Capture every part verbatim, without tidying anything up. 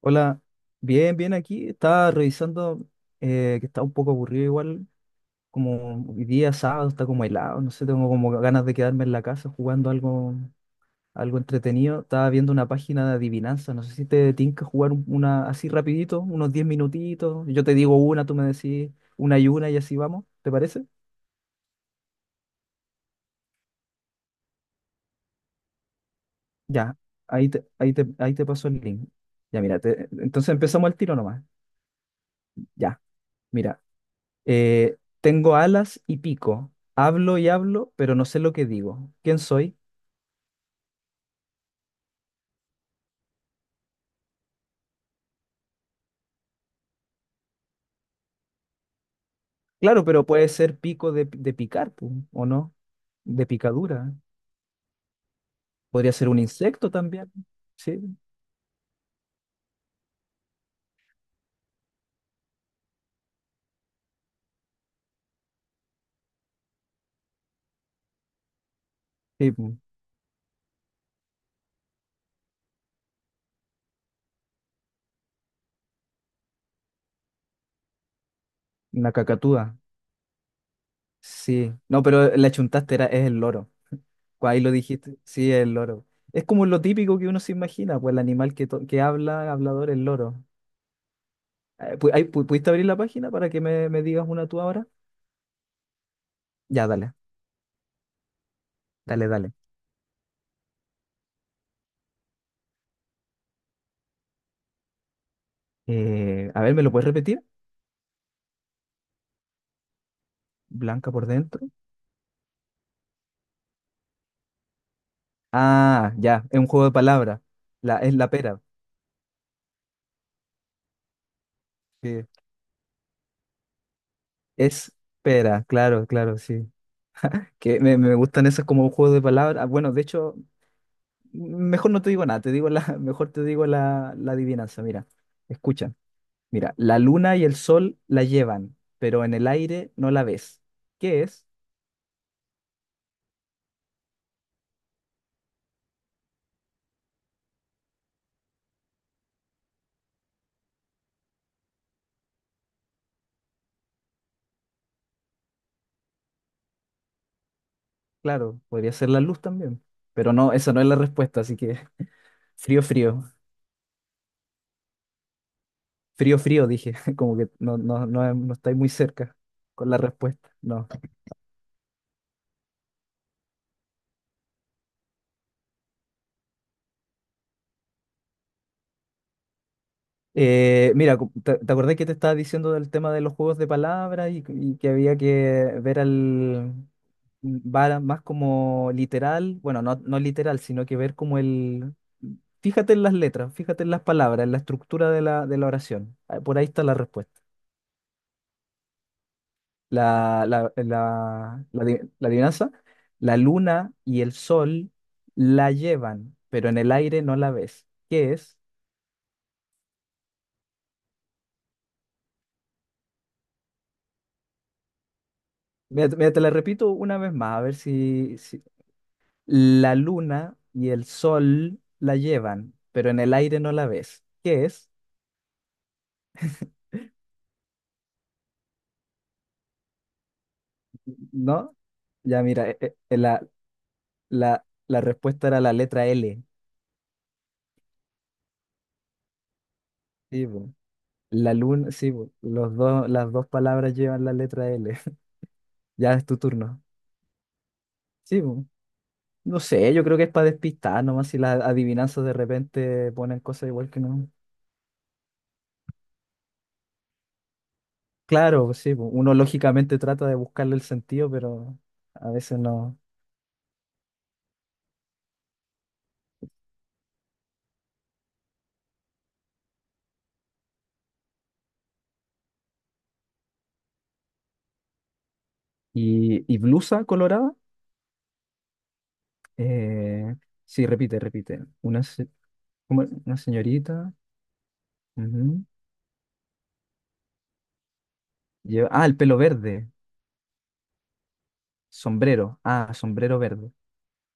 Hola, bien, bien aquí. Estaba revisando eh, que está un poco aburrido igual, como hoy día sábado está como helado, no sé, tengo como ganas de quedarme en la casa jugando algo, algo entretenido. Estaba viendo una página de adivinanza, no sé si te tinca jugar un- una así rapidito, unos diez minutitos. Yo te digo una, tú me decís una y una y así vamos, ¿te parece? Ya, ahí te, ahí te, ahí te paso el link. Ya, mira, te- entonces empezamos al tiro nomás. Ya. Mira, Eh, tengo alas y pico. Hablo y hablo, pero no sé lo que digo. ¿Quién soy? Claro, pero puede ser pico de, de picar, pu, ¿o no? De picadura. Podría ser un insecto también. Sí, sí, pu, una cacatúa. Sí. No, pero la chuntaste era, es el loro. Cu- Ahí lo dijiste. Sí, es el loro. Es como lo típico que uno se imagina, pues el animal que, to- que habla, hablador, el loro. Eh, pu- ahí pu- ¿Pudiste abrir la página para que me, me digas una tú ahora? Ya, dale, dale, dale. Eh, a ver, ¿me lo puedes repetir? Blanca por dentro. Ah, ya, es un juego de palabras. La, es la pera. Sí. Es pera, claro, claro, sí. Que me, me gustan esos como juegos de palabras. Ah, bueno, de hecho, mejor no te digo nada, te digo la, mejor te digo la, la adivinanza. Mira, escucha. Mira, la luna y el sol la llevan, pero en el aire no la ves. ¿Qué es? Claro, podría ser la luz también. Pero no, esa no es la respuesta, así que frío, frío. Frío, frío, dije, como que no, no, no, no estáis muy cerca con la respuesta. No. Eh, mira, cu- ¿te, te acordás que te estaba diciendo del tema de los juegos de palabras y, y que había que ver al va más como literal, bueno, no, no literal, sino que ver como el... Fíjate en las letras, fíjate en las palabras, en la estructura de la, de la oración. Ah, por ahí está la respuesta. la, la, la, la adi- la adivinanza, la luna y el sol la llevan, pero en el aire no la ves. ¿Qué es? Mira, te mira, te la repito una vez más, a ver si, si... La luna y el sol la llevan, pero en el aire no la ves. ¿Qué es? ¿No? Ya mira, eh, eh, eh, la, la, la respuesta era la letra L. Sí, po. La luna, sí, po. Los dos, las dos palabras llevan la letra L. Ya es tu turno. Sí, po. No sé, yo creo que es para despistar nomás si las adivinanzas de repente ponen cosas igual que no. Claro, pues sí, pues, uno lógicamente trata de buscarle el sentido, pero a veces no. Y, y blusa colorada, eh, sí, repite, repite. Una, se- ¿cómo era? Una señorita. Ujú, lleva- ah, el pelo verde, sombrero. Ah, sombrero verde.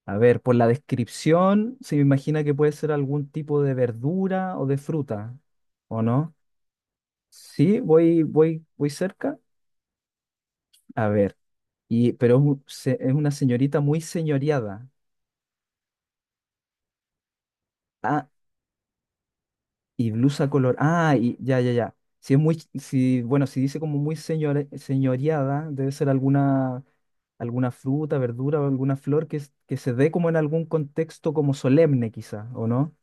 A ver, por la descripción se me imagina que puede ser algún tipo de verdura o de fruta, ¿o no? Sí, voy, voy, voy cerca. A ver, y, pero es, un- se- es una señorita muy señoreada. Ah, y blusa color. Ah, y ya, ya, ya. Si es muy, si, bueno, si dice como muy señore- señoreada, debe ser alguna, alguna fruta, verdura o alguna flor que, es- que se dé como en algún contexto como solemne, quizá, ¿o no?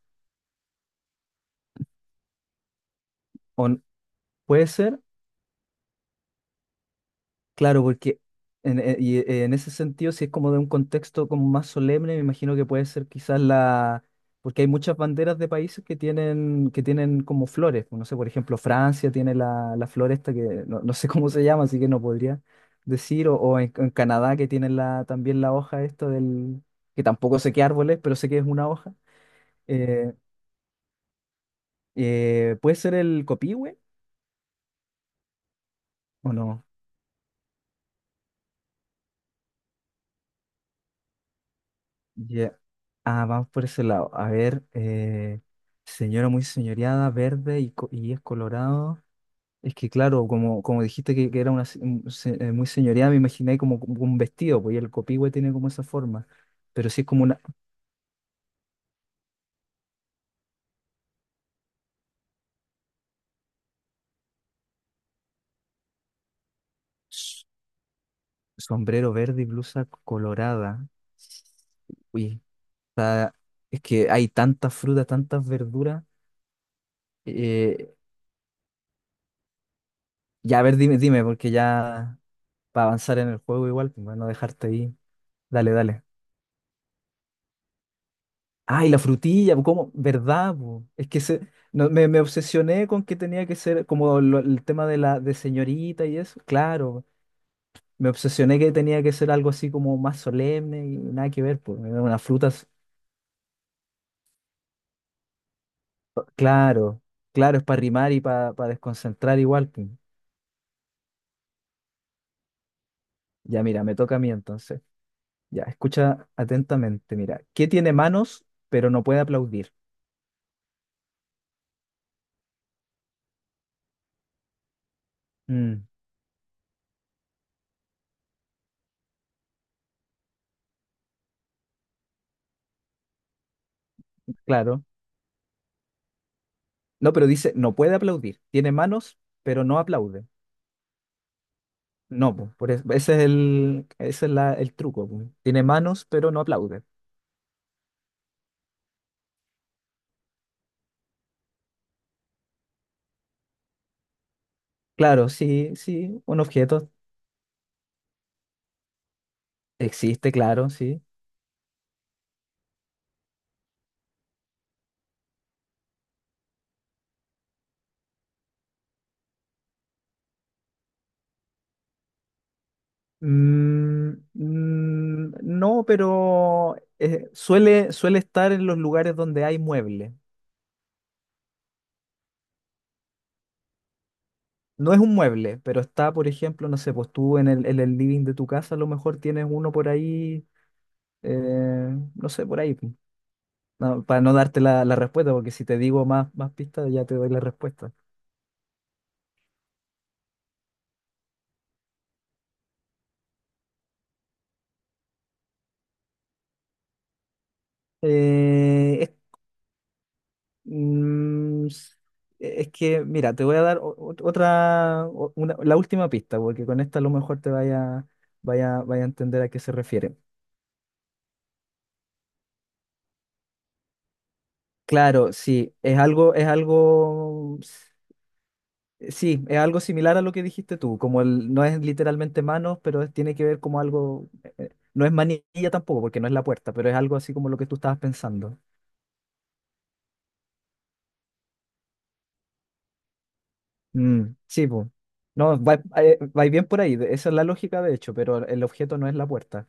¿O n- ¿puede ser? Claro, porque en, e- y, eh, en ese sentido, si es como de un contexto como más solemne, me imagino que puede ser quizás la... Porque hay muchas banderas de países que tienen, que tienen como flores, pues. No sé, por ejemplo, Francia tiene la, la flor esta que no, no sé cómo se llama, así que no podría decir. O, o en, en Canadá que tienen la, también la hoja esta del... que tampoco sé qué árbol es, pero sé que es una hoja. Eh, eh, ¿puede ser el copihue o no? Ya. Ah, vamos por ese lado. A ver, eh, señora muy señoreada, verde y, co- y es colorado. Es que claro, como, como dijiste que, que era una se- un se- eh, muy señoreada, me imaginé como, como un vestido, pues y el copihue tiene como esa forma. Pero sí es como una s- sombrero verde y blusa colorada. Uy, está- es que hay tantas frutas, tantas verduras. Eh, ya, a ver, dime, dime, porque ya para avanzar en el juego igual, pues, para no dejarte ahí. Dale, dale. Ay, la frutilla, ¿cómo? ¿Verdad, po? Es que se, no, me, me obsesioné con que tenía que ser como lo- el tema de la de señorita y eso. Claro, me obsesioné que tenía que ser algo así como más solemne y nada que ver, pues, unas frutas. Claro, claro, es para rimar y para desconcentrar igual, pues. Ya, mira, me toca a mí entonces. Ya, escucha atentamente, mira. ¿Qué tiene manos pero no puede aplaudir? Mm, claro. No, pero dice, no puede aplaudir. Tiene manos pero no aplaude. No, po, por eso, ese es el, ese es la- el truco, po. Tiene manos, pero no aplaude. Claro, sí, sí, un objeto existe, claro, sí. Mm, mm, no, pero eh, suele, suele estar en los lugares donde hay mueble. No es un mueble, pero está, por ejemplo, no sé, pues tú en el, en el living de tu casa a lo mejor tienes uno por ahí, eh, no sé, por ahí, po. No, para no darte la, la respuesta, porque si te digo más, más pistas ya te doy la respuesta. Eh, Mm, s- e, es que, mira, te voy a dar o- o- otra, o- una- la última pista, porque con esta a lo mejor te vaya, vaya, vaya a entender a qué se refiere. Claro, sí, es algo, es algo, s- eh, sí, es algo similar a lo que dijiste tú, como el, no es literalmente manos, pero es- tiene que ver como algo, eh, eh, no es manilla tampoco, porque no es la puerta, pero es algo así como lo que tú estabas pensando. Mm, sí, pues. No, va, eh, va bien por ahí, de- esa es la lógica de hecho, pero el objeto no es la puerta.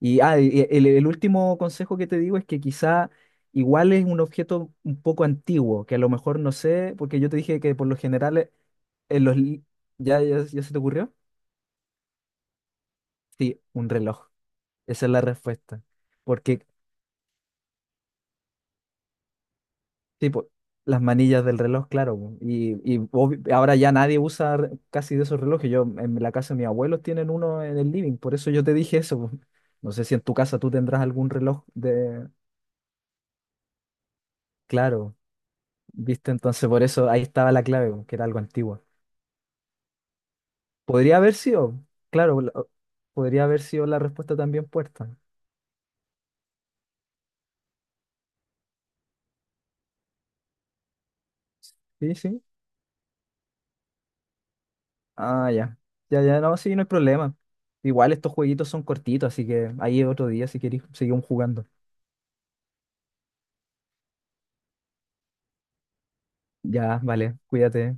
Y ah, y el, el último consejo que te digo es que quizá igual es un objeto un poco antiguo, que a lo mejor no sé, porque yo te dije que por lo general eh, en los... li- ¿ya, ya, ya se te ocurrió? Sí, un reloj. Esa es la respuesta. Porque, tipo, las manillas del reloj, claro, po. Y, y obvi- ahora ya nadie usa re- casi de esos relojes. Yo en la casa de mis abuelos tienen uno en el living, por eso yo te dije eso, po. No sé si en tu casa tú tendrás algún reloj de... Claro. ¿Viste? Entonces por eso ahí estaba la clave, po, que era algo antiguo. Podría haber sido, claro, la- podría haber sido la respuesta también puerta. Sí, sí. Ah, ya. Ya, ya, no, sí, no hay problema. Igual estos jueguitos son cortitos, así que ahí otro día si queréis seguimos jugando. Ya, vale, cuídate.